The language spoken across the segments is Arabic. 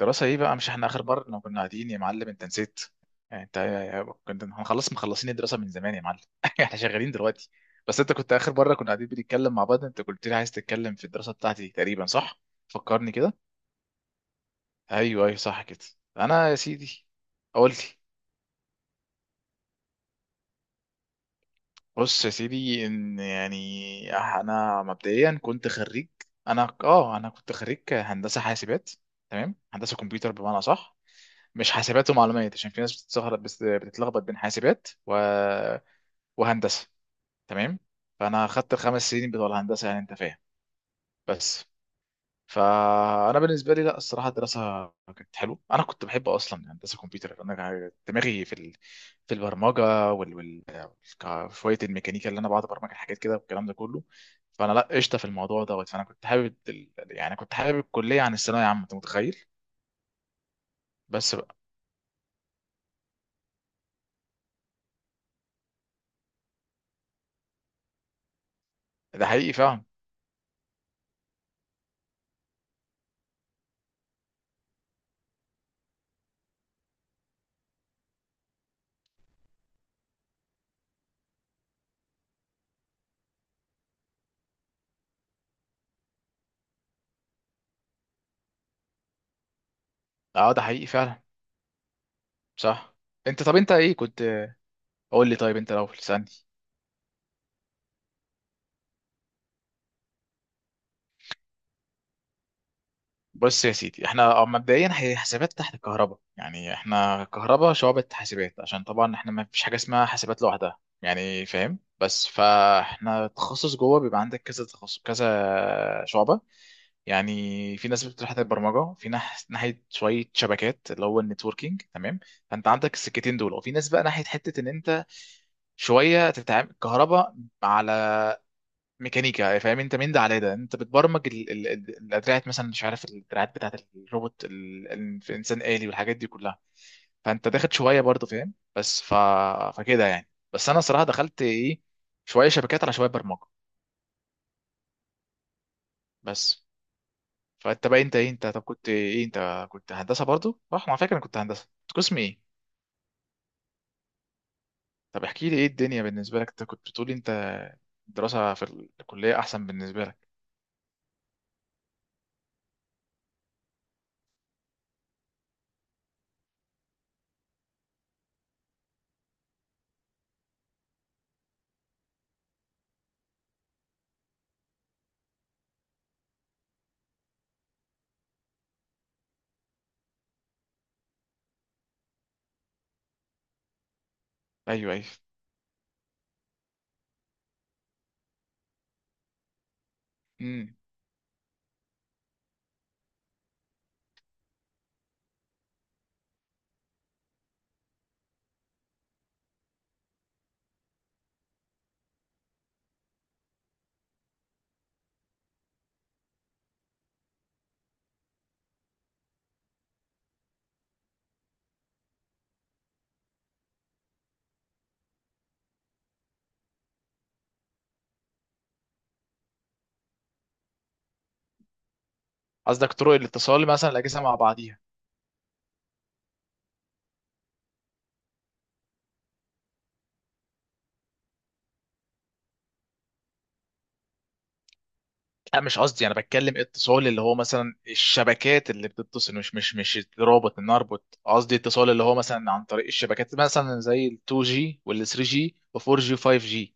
دراسة ايه بقى؟ مش احنا اخر مرة لما كنا قاعدين يا معلم انت نسيت؟ يعني انت كنت هنخلص مخلصين الدراسة من زمان يا معلم. احنا شغالين دلوقتي. بس انت كنت اخر مرة كنا قاعدين بنتكلم مع بعض انت قلت لي عايز تتكلم في الدراسة بتاعتي تقريبا، صح؟ فكرني كده. ايوه ايوه صح كده. انا يا سيدي قلت، بص يا سيدي ان يعني انا مبدئيا كنت خريج. انا كنت خريج هندسة حاسبات. تمام، هندسة كمبيوتر بمعنى صح، مش حاسبات ومعلومات، عشان في ناس بتتسهر- بس بتتلخبط بين وهندسه. تمام. فانا خدت الخمس سنين بتوع الهندسه، يعني انت فاهم. بس فانا بالنسبه لي، لا الصراحه الدراسه كانت حلوه، انا كنت بحب اصلا هندسه كمبيوتر، انا دماغي في البرمجه وال... وال... ك- شويه الميكانيكا، اللي انا بقعد ابرمج الحاجات كده والكلام ده كله. فانا لا قشطه في الموضوع دوت، فانا كنت حابب ال... يعني كنت حابب الكليه عن الثانويه عامه، انت متخيل؟ بس بقى. ده حقيقي فعلا. اه ده حقيقي فعلا، صح. انت طب انت ايه كنت؟ قول لي طيب، انت لو تسالني. بص يا سيدي، احنا اه مبدئيا هي حاسبات تحت كهرباء، يعني احنا كهرباء شعبة حاسبات، عشان طبعا احنا ما فيش حاجه اسمها حاسبات لوحدها، يعني فاهم؟ بس فاحنا تخصص جوه بيبقى عندك كذا تخصص كذا شعبة. يعني في ناس بتروح ناحية البرمجة، في ناحية شوية شبكات اللي هو النتوركينج، تمام. فانت عندك السكتين دول، وفي ناس بقى ناحية حتة ان انت شوية تتعامل كهرباء على ميكانيكا، فاهم؟ انت من ده على ده انت بتبرمج الادراعات مثلا، مش عارف، الادراعات بتاعت الانسان آلي والحاجات دي كلها. فانت داخل شويه برضه، فاهم. فكده يعني. بس انا صراحه دخلت ايه، شويه شبكات على شويه برمجه. بس. فانت بقى انت ايه، انت طب كنت ايه، انت كنت هندسه برضه صح؟ على فكره انا كنت هندسه، كنت قسم ايه؟ طب احكي لي ايه الدنيا بالنسبه لك، انت كنت بتقولي انت الدراسه في الكليه احسن بالنسبه لك. ايوه ايوه. امم. قصدك طرق الاتصال مثلا الاجهزه مع بعضيها؟ لا مش قصدي، انا بتكلم اتصال اللي هو مثلا الشبكات اللي بتتصل، مش رابط ان اربط، قصدي اتصال اللي هو مثلا عن طريق الشبكات، مثلا زي ال 2G وال 3G و 4G و 5G.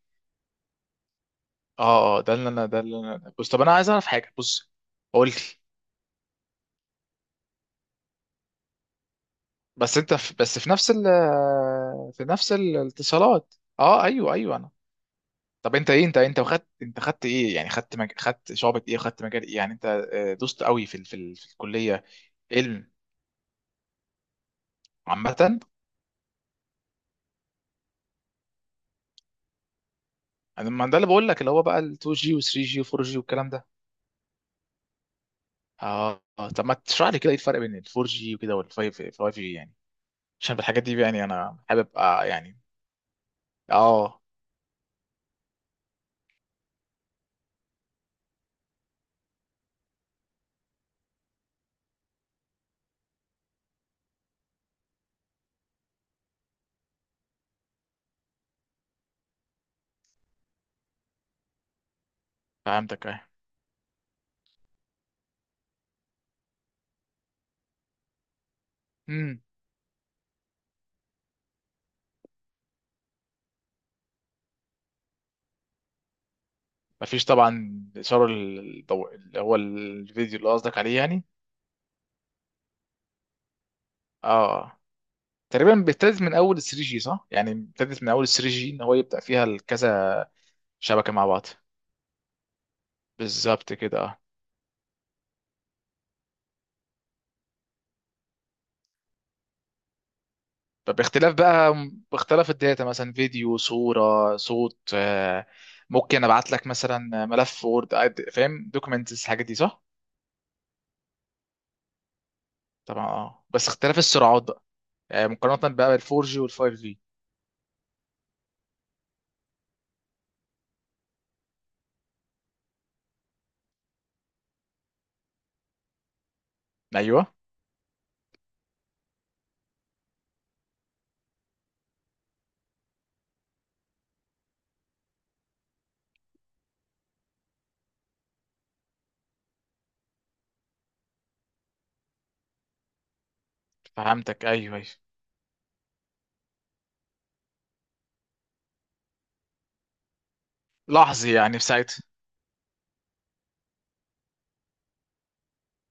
اه, ده اللي انا بص، طب انا عايز اعرف حاجه، بص قول لي. بس انت في بس في نفس ال، في نفس الاتصالات. اه ايوه ايوه انا. طب انت ايه، انت انت خدت، انت خدت ايه يعني، خدت خدت شعبة ايه، خدت مجال ايه يعني انت؟ آه، دوست قوي في في الكليه. علم عامه. انا ما ده اللي بقول لك، اللي هو بقى ال 2G و 3G و 4G والكلام ده. اه آه، طب ما تشرح لي كده ايه الفرق بين ال 4G وكده وال 5G يعني، عشان بالحاجات دي يعني انا حابب آه يعني. اه فهمتك اه. امم. مفيش طبعا اشاره الضوء اللي هو الفيديو اللي قصدك عليه يعني. اه تقريبا بيبتدئ من اول 3G صح، يعني بيبتدئ من اول 3G ان هو يبدأ فيها كذا شبكة مع بعض. بالظبط كده اه. طب باختلاف بقى، باختلاف الداتا مثلا، فيديو، صورة، صوت، آه، ممكن ابعت لك مثلا ملف وورد، فاهم، دوكيومنتس الحاجات دي، صح؟ طبعا اه آه. بس اختلاف السرعات بقى، آه، مقارنة بقى بالفور جي والفايف جي. ايوه فهمتك. ايوه ايوه. لحظي يعني في ساعتها.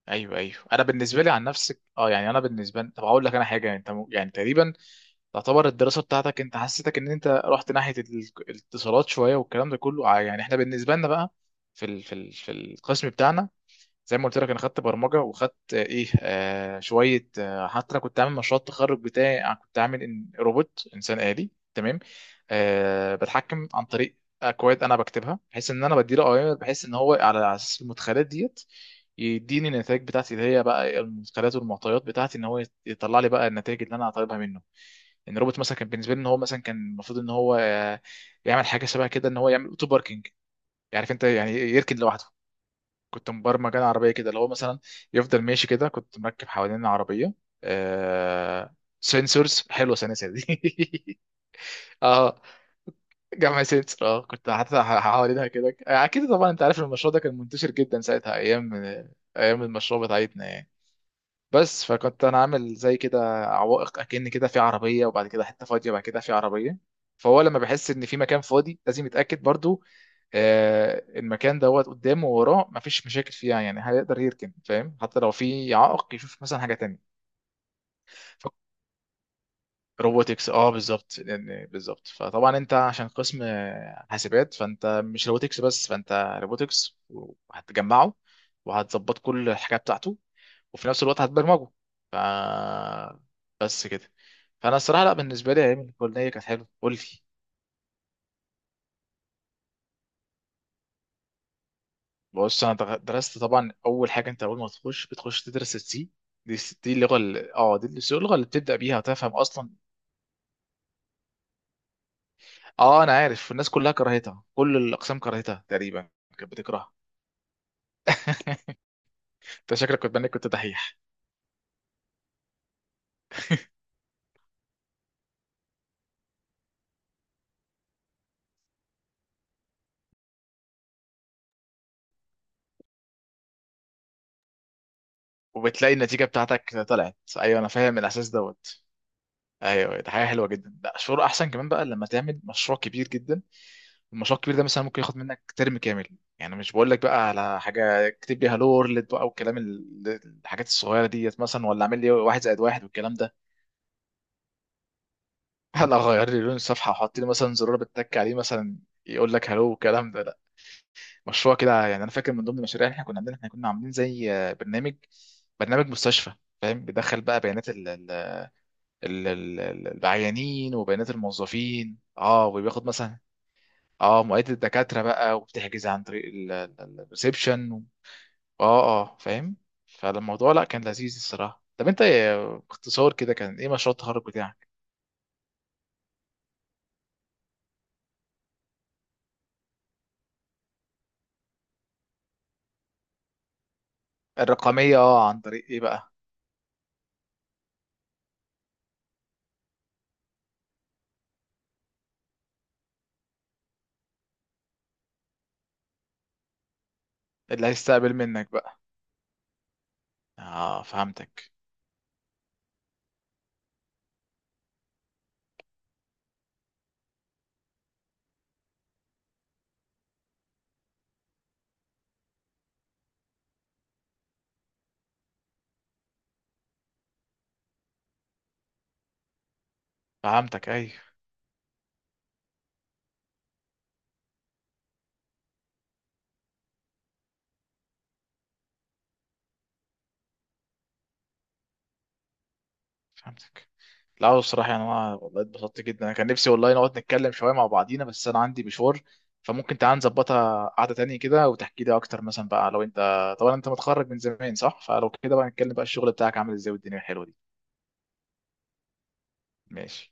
ايوه ايوه. انا بالنسبه لي عن نفسك اه يعني، انا بالنسبه لي، طب اقول لك انا حاجه، يعني تقريبا تعتبر الدراسه بتاعتك انت، حسيتك ان انت رحت الاتصالات شويه والكلام ده كله. آه، يعني احنا بالنسبه لنا بقى في القسم بتاعنا، زي ما قلت لك انا خدت برمجه، وخدت آه، ايه آه شويه آه، حتى انا كنت عامل مشروع التخرج بتاعي، أنا كنت عامل إن روبوت انسان آلي، تمام، آه بتحكم عن طريق اكواد انا بكتبها، بحيث ان انا بديله اوامر، بحيث ان هو على اساس المدخلات ديت يديني النتائج بتاعتي، اللي هي بقى المدخلات والمعطيات بتاعتي ان هو يطلع لي بقى النتائج اللي انا طالبها منه. ان الروبوت مثلا كان بالنسبه لي ان هو مثلا كان المفروض ان هو آه، يعمل حاجه شبه كده، ان هو يعمل اوتو باركينج، عارف انت؟ يعني يركن لوحده. كنت مبرمج انا عربيه كده اللي هو مثلا يفضل ماشي كده، كنت مركب حوالين العربيه آه... سنسورز، حلوه سنسة دي. اه، جمع سنسور اه، كنت حوالينها كده، اكيد طبعا انت عارف المشروع ده كان منتشر جدا ساعتها، ايام آه، ايام المشروع بتاعتنا يعني. بس فكنت انا عامل زي كده عوائق، اكن كده في عربيه وبعد كده حته فاضيه، بعد كده في عربيه، فهو لما بحس ان في مكان فاضي لازم يتاكد برضو آه المكان دوت قدامه ووراه مفيش مشاكل فيها، يعني هيقدر يركن، فاهم؟ حتى لو في عائق يشوف مثلا حاجه تانية. ف- روبوتكس اه، بالظبط يعني بالظبط، فطبعا انت عشان قسم آه، حاسبات، فانت مش روبوتكس بس، فانت روبوتكس وهتجمعه، وهتظبط كل الحاجه بتاعته، وفي نفس الوقت هتبرمجه. ف بس كده. فانا الصراحه لا بالنسبه لي ايام الكليه كانت حلوه. قول لي، بص انا درست طبعا، اول حاجه انت اول ما تخش بتخش تدرس السي دي، دي اللغه ال- اه دي اللغه اللي بتبدا بيها وتفهم اصلا. اه انا عارف، الناس كلها كرهتها، كل الاقسام كرهتها تقريبا، كانت بتكرهها. انت شكلك كنت بانك كنت دحيح. وبتلاقي النتيجه بتاعتك طلعت، ايوه انا فاهم الاحساس دوت. ايوه ده حاجه حلوه جدا، لا شعور احسن كمان بقى لما تعمل مشروع كبير جدا. المشروع الكبير ده مثلا ممكن ياخد منك ترم كامل، يعني مش بقول لك بقى على حاجه اكتب لي هالو وورلد بقى والكلام الحاجات الصغيره ديت مثلا، ولا اعمل لي واحد زائد واحد والكلام ده. ولا غير لي لون الصفحه، وحط لي مثلا زرار بتك عليه مثلا يقول لك هالو والكلام ده، لا مشروع كده يعني. انا فاكر من ضمن المشاريع اللي احنا كنا عاملينها، احنا كنا عاملين زي آه، برنامج مستشفى، فاهم؟ بيدخل بقى بيانات العيانين وبيانات الموظفين اه، وبياخد مثلا اه مواعيد الدكاتره بقى، وبتحجز عن طريق الريسبشن. اه اه فاهم. فالموضوع لا كان لذيذ الصراحه. طب انت باختصار كده كان ايه مشروع التخرج بتاعك؟ الرقميه اه، عن طريق ايه بقى؟ اللي هيستقبل منك بقى. اه فهمتك. فهمتك ايوه. فهمتك. لا هو الصراحه يعني انا والله اتبسطت جدا، انا كان نفسي والله نقعد نتكلم شويه مع بعضينا، بس انا عندي مشوار. فممكن تعال نظبطها قعده تانية كده وتحكي لي اكتر مثلا بقى لو انت، طبعا انت متخرج من زمان صح؟ فلو كده بقى نتكلم بقى الشغل بتاعك عامل ازاي والدنيا الحلوه دي. ماشي.